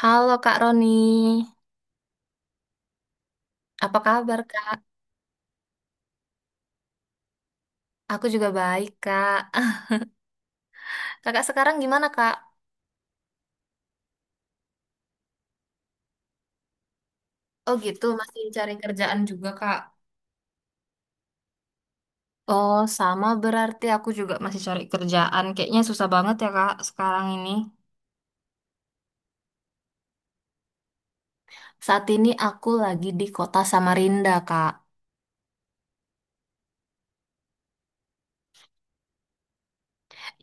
Halo Kak Roni, apa kabar Kak? Aku juga baik Kak. Kakak sekarang gimana Kak? Oh gitu, masih cari kerjaan juga Kak. Oh sama berarti aku juga masih cari kerjaan. Kayaknya susah banget ya Kak sekarang ini. Saat ini aku lagi di kota Samarinda Kak.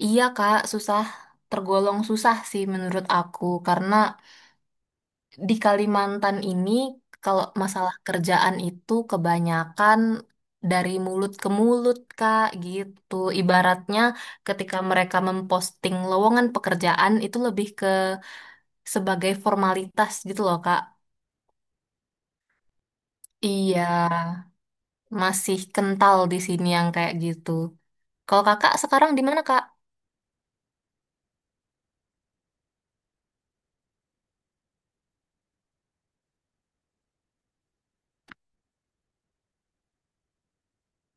Iya Kak, susah. Tergolong susah sih menurut aku karena di Kalimantan ini, kalau masalah kerjaan itu kebanyakan dari mulut ke mulut, Kak, gitu. Ibaratnya ketika mereka memposting lowongan pekerjaan itu lebih ke sebagai formalitas gitu loh, Kak. Iya, masih kental di sini yang kayak gitu. Kalau kakak sekarang di mana, Kak?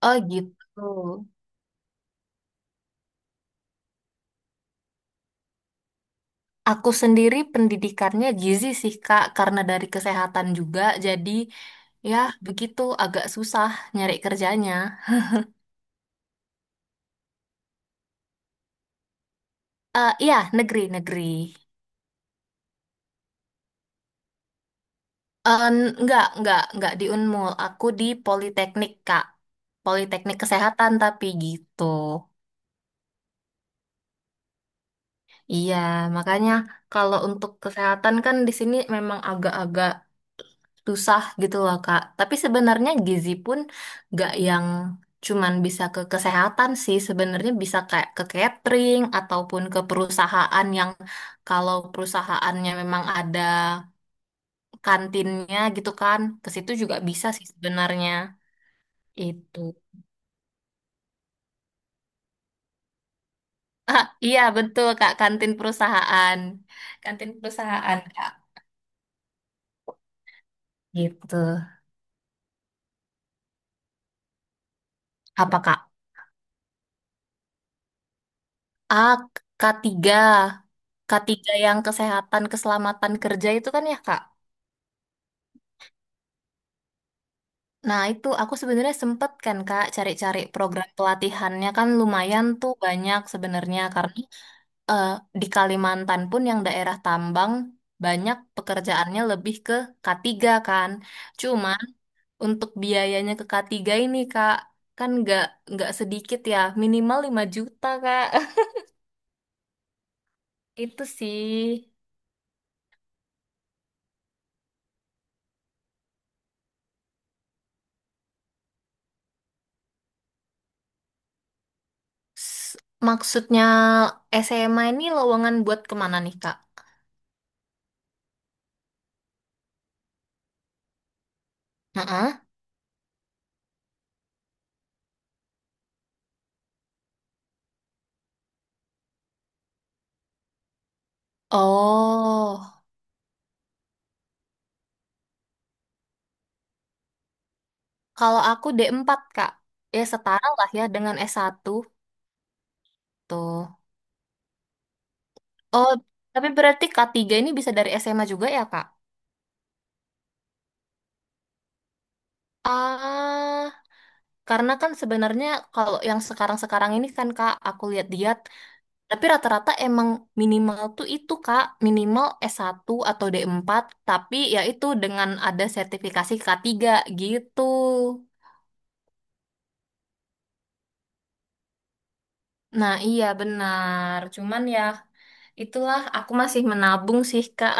Oh gitu. Aku sendiri pendidikannya gizi sih Kak, karena dari kesehatan juga, jadi ya begitu agak susah nyari kerjanya. Eh iya, negeri-negeri. Eh enggak di Unmul, aku di Politeknik Kak. Politeknik Kesehatan tapi gitu. Iya, makanya kalau untuk kesehatan kan di sini memang agak-agak susah gitu loh Kak. Tapi sebenarnya gizi pun gak yang cuman bisa ke kesehatan sih, sebenarnya bisa kayak ke catering ataupun ke perusahaan yang kalau perusahaannya memang ada kantinnya gitu kan, ke situ juga bisa sih sebenarnya. Itu. Iya, betul Kak, kantin perusahaan. Kantin perusahaan Kak. Gitu. Apa Kak? A, k tiga, K3 yang kesehatan, keselamatan kerja itu kan ya Kak? Nah, itu aku sebenarnya sempet kan Kak cari-cari program pelatihannya kan lumayan tuh banyak sebenarnya karena eh, di Kalimantan pun yang daerah tambang banyak pekerjaannya lebih ke K3 kan. Cuma untuk biayanya ke K3 ini Kak kan nggak sedikit ya, minimal 5 juta Kak. Itu sih S- maksudnya SMA ini lowongan buat kemana nih Kak? Heeh. Oh. Kalau aku D4 Kak. Ya setara lah ya dengan S1 tuh. Oh, tapi berarti K3 ini bisa dari SMA juga ya, Kak? Ah, karena kan sebenarnya kalau yang sekarang-sekarang ini kan, Kak, aku lihat-lihat, tapi rata-rata emang minimal tuh itu, Kak, minimal S1 atau D4. Tapi ya itu dengan ada sertifikasi K3 gitu. Nah, iya benar. Cuman ya itulah aku masih menabung sih Kak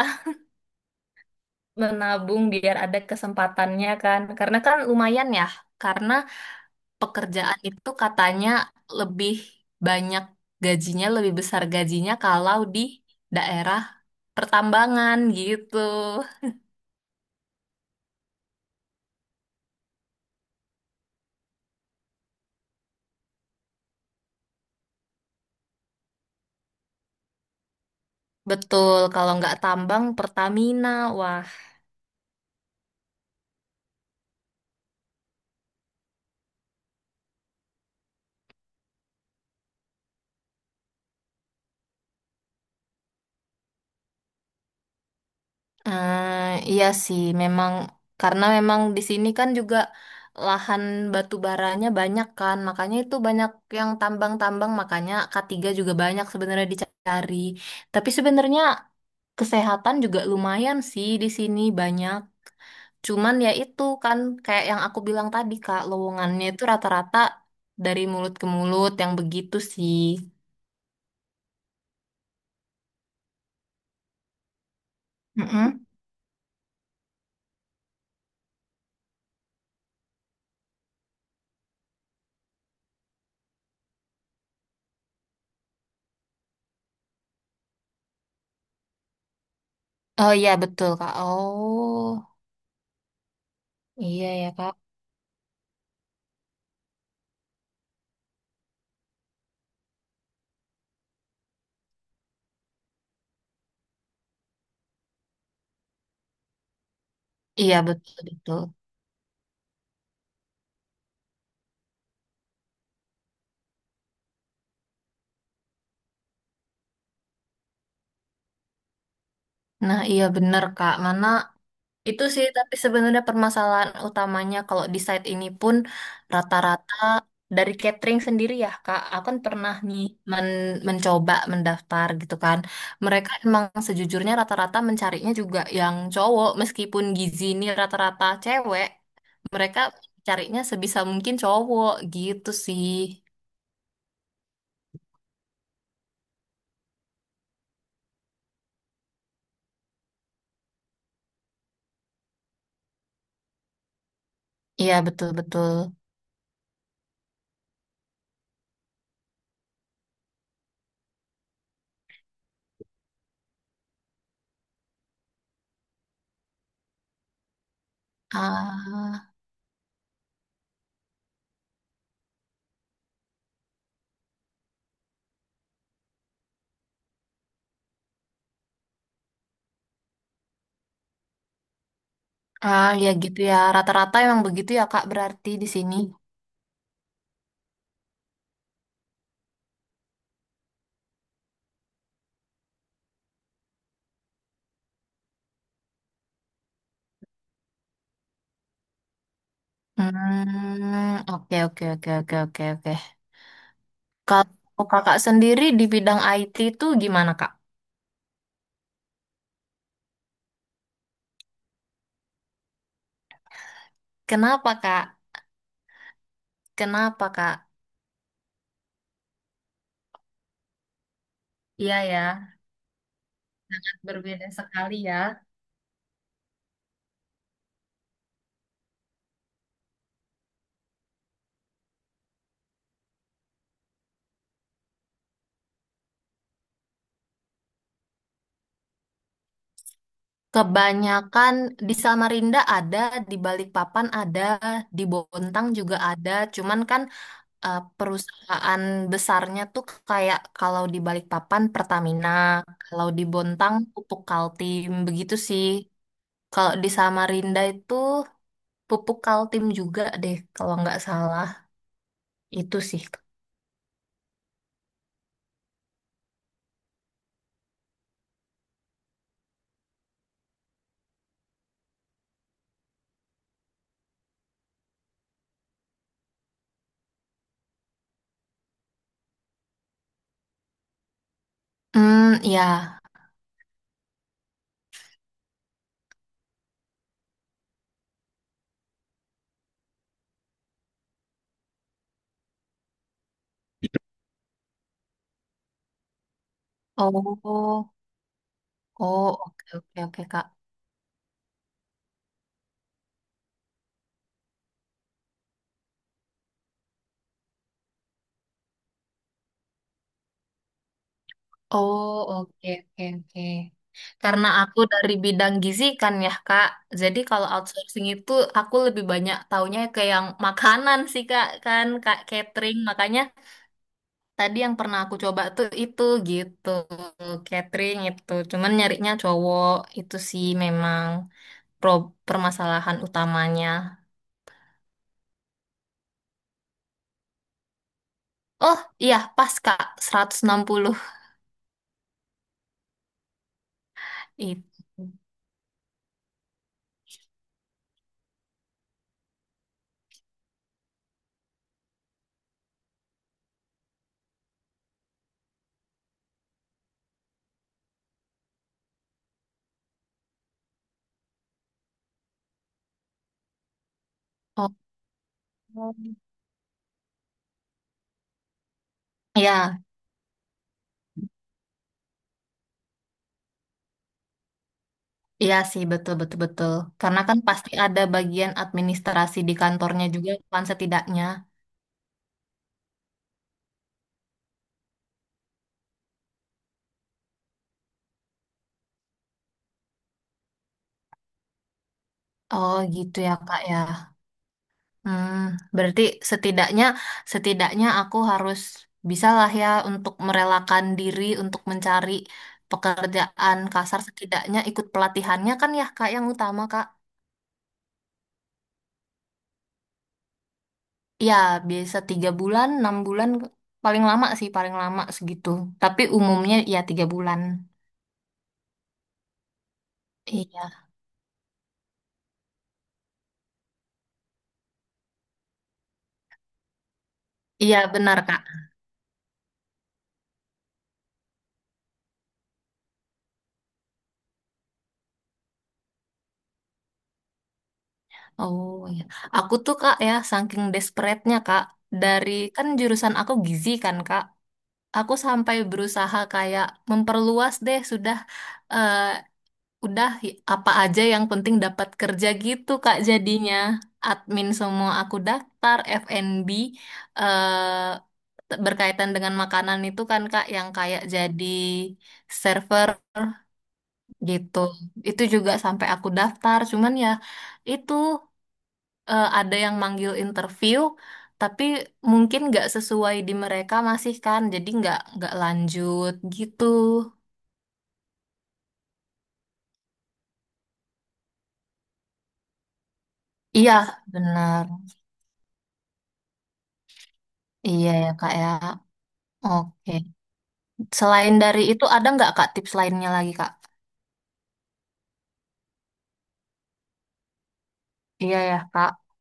menabung biar ada kesempatannya kan. Karena kan lumayan ya, karena pekerjaan itu katanya lebih banyak gajinya, lebih besar gajinya kalau di daerah pertambangan gitu. Betul, kalau nggak tambang Pertamina, wah. Eh, iya sih, memang karena memang di sini kan juga lahan batu baranya banyak kan, makanya itu banyak yang tambang-tambang, makanya K3 juga banyak sebenarnya dicari. Tapi sebenarnya kesehatan juga lumayan sih di sini banyak. Cuman ya itu kan kayak yang aku bilang tadi Kak, lowongannya itu rata-rata dari mulut ke mulut yang begitu sih. Mm-mm. Oh iya betul Kak. Oh iya ya Kak. Iya betul betul. Nah, iya bener Kak. Mana itu sih tapi sebenarnya permasalahan utamanya kalau di site ini pun rata-rata dari catering sendiri ya Kak. Aku kan pernah nih mencoba mendaftar gitu kan. Mereka emang sejujurnya rata-rata mencarinya juga yang cowok meskipun gizi ini rata-rata cewek. Mereka carinya sebisa mungkin cowok gitu sih. Iya betul-betul. Ah, ah ya gitu ya. Rata-rata emang begitu ya Kak berarti di sini. Hmm, oke oke oke oke oke oke. Kalau kakak sendiri di bidang IT itu gimana kak? Kenapa kak? Kenapa kak? Iya ya, berbeda sekali ya. Kebanyakan di Samarinda ada, di Balikpapan ada, di Bontang juga ada. Cuman kan perusahaan besarnya tuh kayak kalau di Balikpapan Pertamina, kalau di Bontang Pupuk Kaltim begitu sih. Kalau di Samarinda itu Pupuk Kaltim juga deh, kalau nggak salah. Itu sih. Hmm, ya. Oh, oh, oke, oke, oke, Kak. Oh, oke, oke, oke. Karena aku dari bidang gizi kan ya, Kak. Jadi kalau outsourcing itu aku lebih banyak taunya ke yang makanan sih, Kak. Kan, Kak, catering. Makanya tadi yang pernah aku coba tuh itu gitu. Catering itu. Cuman nyarinya cowok. Itu sih memang pro permasalahan utamanya. Oh iya pas Kak 160 itu. Oh ya iya sih betul betul betul. Karena kan pasti ada bagian administrasi di kantornya juga kan setidaknya. Oh gitu ya Kak ya. Hmm, berarti setidaknya setidaknya aku harus bisalah ya untuk merelakan diri untuk mencari pekerjaan kasar setidaknya ikut pelatihannya kan ya Kak yang utama Kak. Ya, biasa 3 bulan, 6 bulan, paling lama sih, paling lama segitu. Tapi umumnya ya 3 bulan. Iya, iya benar Kak. Oh iya, aku tuh Kak ya, saking desperate-nya Kak, dari kan jurusan aku gizi kan Kak, aku sampai berusaha kayak memperluas deh eh, Udah apa aja yang penting dapat kerja gitu Kak jadinya. Admin semua aku daftar, F&B eh, berkaitan dengan makanan itu kan Kak yang kayak jadi server gitu. Itu juga sampai aku daftar, cuman ya itu ada yang manggil interview tapi mungkin nggak sesuai di mereka masih kan, jadi nggak lanjut gitu. Iya, benar. Iya ya Kak ya. Oke. Selain dari itu ada nggak Kak tips lainnya lagi Kak? Iya ya Kak.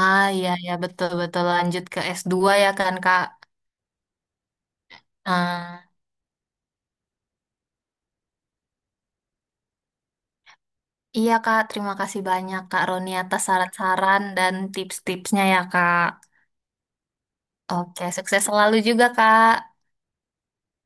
Ah iya ya betul-betul lanjut ke S2 ya kan Kak. Ah, iya Kak, terima kasih banyak Kak Roni atas saran-saran dan tips-tipsnya ya Kak. Oke, sukses selalu juga Kak.